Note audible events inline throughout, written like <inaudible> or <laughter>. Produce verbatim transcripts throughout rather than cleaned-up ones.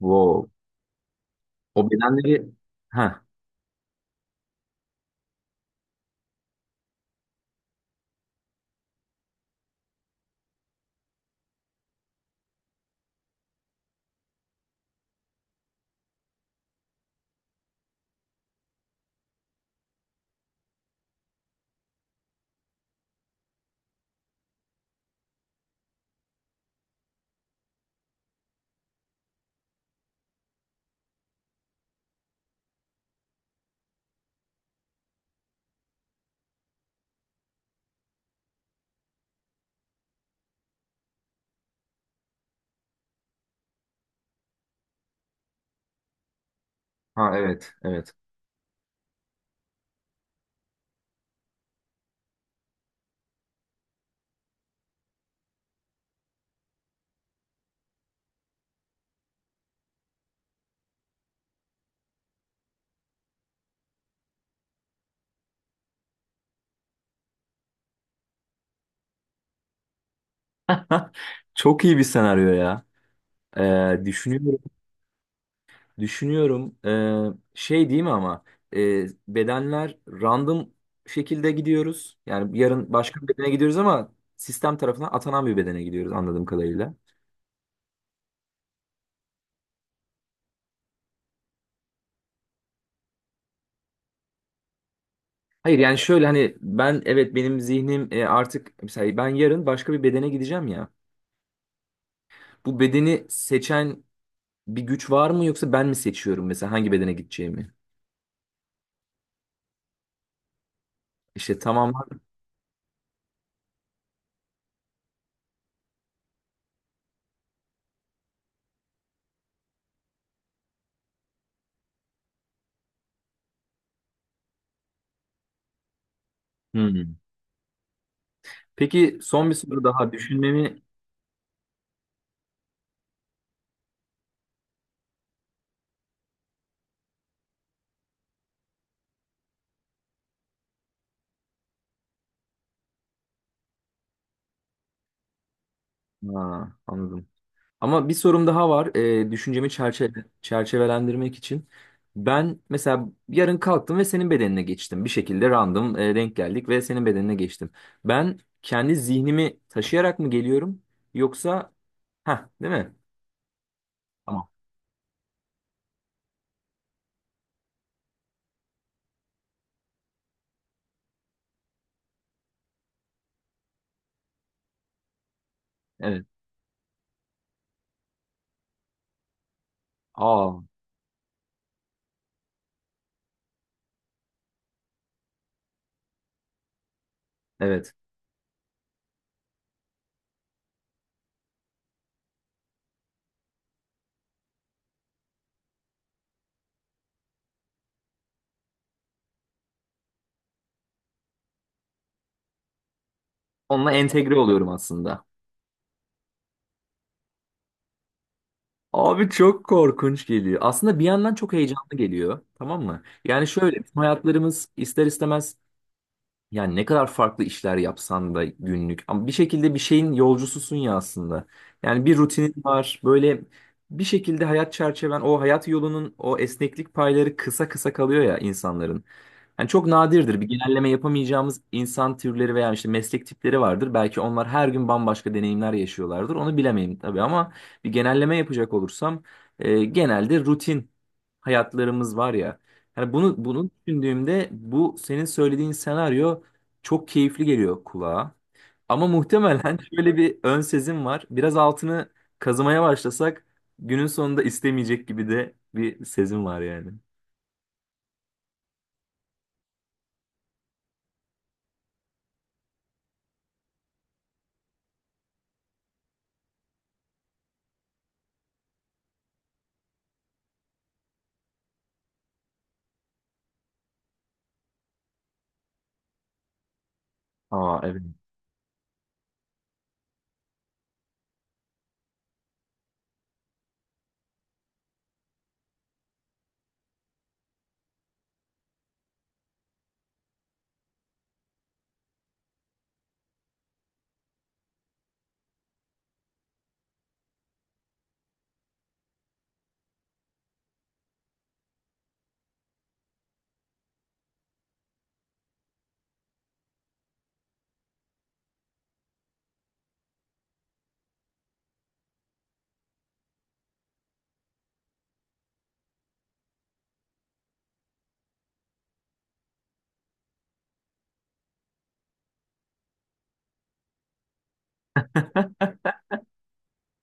Wow. O bedenleri... Ha, ha evet, evet. <laughs> Çok iyi bir senaryo ya. Ee, düşünüyorum, düşünüyorum. Ee, şey değil mi ama e, bedenler random şekilde gidiyoruz. Yani yarın başka bir bedene gidiyoruz ama sistem tarafından atanan bir bedene gidiyoruz anladığım kadarıyla. Hayır yani şöyle hani ben, evet, benim zihnim e, artık mesela ben yarın başka bir bedene gideceğim ya. Bu bedeni seçen bir güç var mı yoksa ben mi seçiyorum mesela hangi bedene gideceğimi? İşte tamam. Hmm. Peki son bir soru daha düşünmemi... Aa, anladım. Ama bir sorum daha var. Ee, düşüncemi çerçeve çerçevelendirmek için. Ben mesela yarın kalktım ve senin bedenine geçtim. Bir şekilde random e, denk geldik ve senin bedenine geçtim. Ben kendi zihnimi taşıyarak mı geliyorum yoksa ha, değil mi? Tamam. Evet. Aa, evet. Onunla entegre oluyorum aslında. Abi çok korkunç geliyor. Aslında bir yandan çok heyecanlı geliyor. Tamam mı? Yani şöyle, bizim hayatlarımız ister istemez, yani ne kadar farklı işler yapsan da günlük. Ama bir şekilde bir şeyin yolcususun ya aslında. Yani bir rutinin var. Böyle bir şekilde hayat çerçeven, o hayat yolunun o esneklik payları kısa kısa kalıyor ya insanların. Yani çok nadirdir. Bir genelleme yapamayacağımız insan türleri veya işte meslek tipleri vardır. Belki onlar her gün bambaşka deneyimler yaşıyorlardır. Onu bilemeyim tabii ama bir genelleme yapacak olursam e, genelde rutin hayatlarımız var ya. Yani bunu bunu düşündüğümde bu senin söylediğin senaryo çok keyifli geliyor kulağa. Ama muhtemelen <laughs> şöyle bir ön sezim var. Biraz altını kazımaya başlasak günün sonunda istemeyecek gibi de bir sezim var yani. Aa, evet.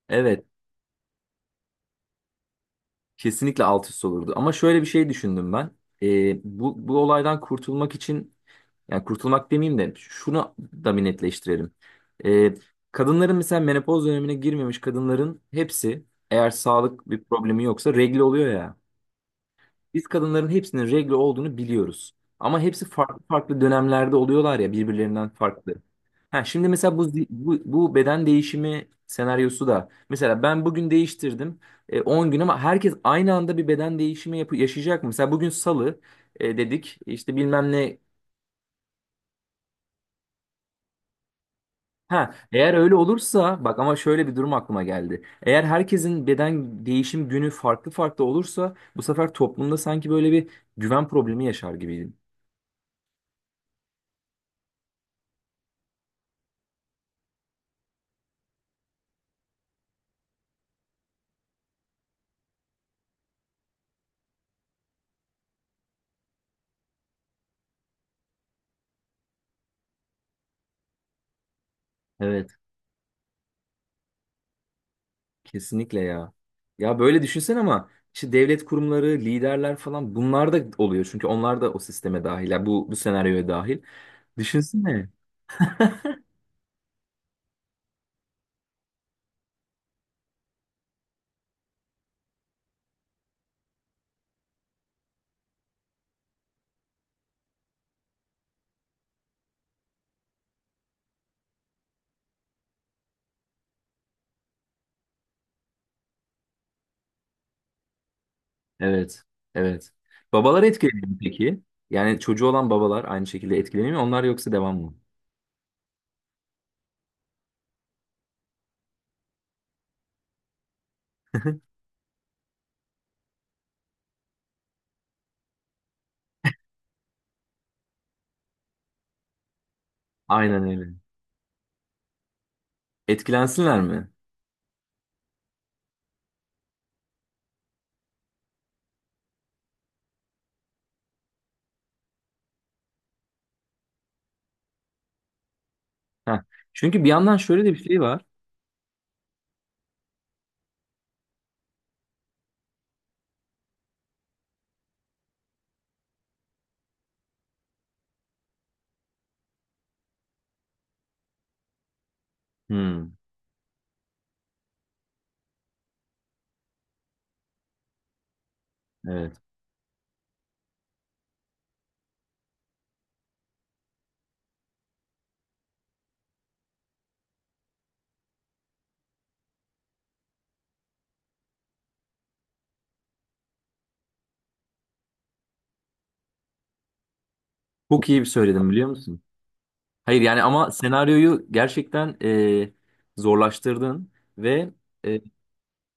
Evet, kesinlikle alt üst olurdu. Ama şöyle bir şey düşündüm ben. Ee, bu, bu olaydan kurtulmak için, yani kurtulmak demeyeyim de şunu da bir netleştirelim. Ee, Kadınların, mesela menopoz dönemine girmemiş kadınların hepsi, eğer sağlık bir problemi yoksa regl oluyor ya. Biz kadınların hepsinin regle olduğunu biliyoruz. Ama hepsi farklı farklı dönemlerde oluyorlar ya, birbirlerinden farklı. Ha, şimdi mesela bu, zi- bu, bu beden değişimi senaryosu da, mesela ben bugün değiştirdim, e, on gün, ama herkes aynı anda bir beden değişimi yapı yaşayacak mı? Mesela bugün salı e, dedik işte bilmem ne. Ha, eğer öyle olursa bak, ama şöyle bir durum aklıma geldi. Eğer herkesin beden değişim günü farklı farklı olursa bu sefer toplumda sanki böyle bir güven problemi yaşar gibiydim. Evet. Kesinlikle ya. Ya böyle düşünsen, ama işte devlet kurumları, liderler falan, bunlar da oluyor. Çünkü onlar da o sisteme dahil. Ya bu, bu senaryoya dahil. Düşünsene. Evet. Evet. Babalar etkileniyor mu peki? Yani çocuğu olan babalar aynı şekilde etkileniyor mu? Onlar yoksa devam mı? Aynen öyle. Etkilensinler mi? Heh. Çünkü bir yandan şöyle de bir şey var. Hmm, evet. Çok iyi bir söyledim biliyor musun? Hayır yani, ama senaryoyu gerçekten e, zorlaştırdın ve e,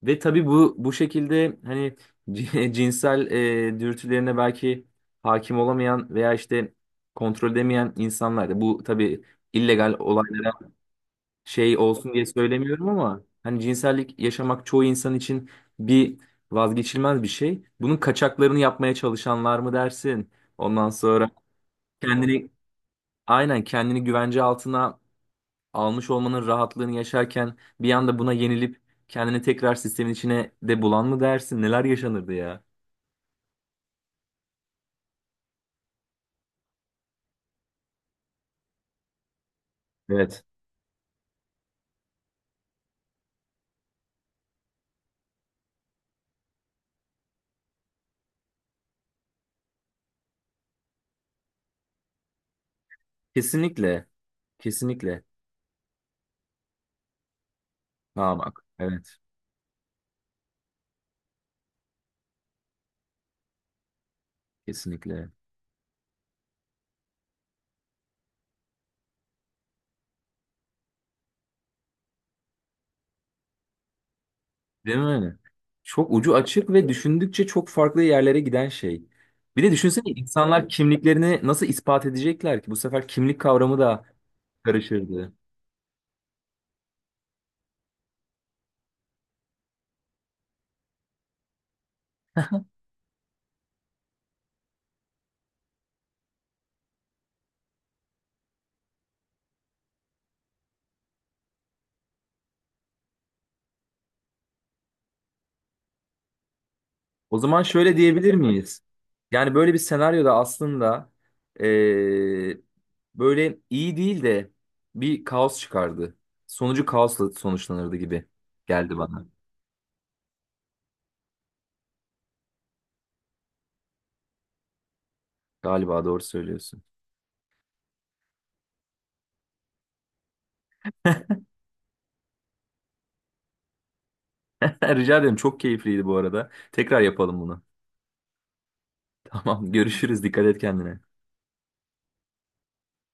ve tabii bu bu şekilde hani c- <laughs> cinsel e, dürtülerine belki hakim olamayan veya işte kontrol edemeyen insanlar da bu tabii illegal olaylara şey olsun diye söylemiyorum, ama hani cinsellik yaşamak çoğu insan için bir vazgeçilmez bir şey. Bunun kaçaklarını yapmaya çalışanlar mı dersin? Ondan sonra kendini aynen kendini güvence altına almış olmanın rahatlığını yaşarken bir anda buna yenilip kendini tekrar sistemin içine de bulan mı dersin? Neler yaşanırdı ya? Evet. Kesinlikle. Kesinlikle. Ha bak. Evet. Kesinlikle. Değil mi? Çok ucu açık ve düşündükçe çok farklı yerlere giden şey. Bir de düşünsene, insanlar kimliklerini nasıl ispat edecekler ki? Bu sefer kimlik kavramı da karışırdı. O zaman şöyle diyebilir miyiz? Yani böyle bir senaryoda aslında eee, böyle iyi değil de bir kaos çıkardı. Sonucu kaosla sonuçlanırdı gibi geldi bana. Galiba doğru söylüyorsun. <laughs> Rica ederim, çok keyifliydi bu arada. Tekrar yapalım bunu. <laughs> Tamam, görüşürüz, dikkat et kendine.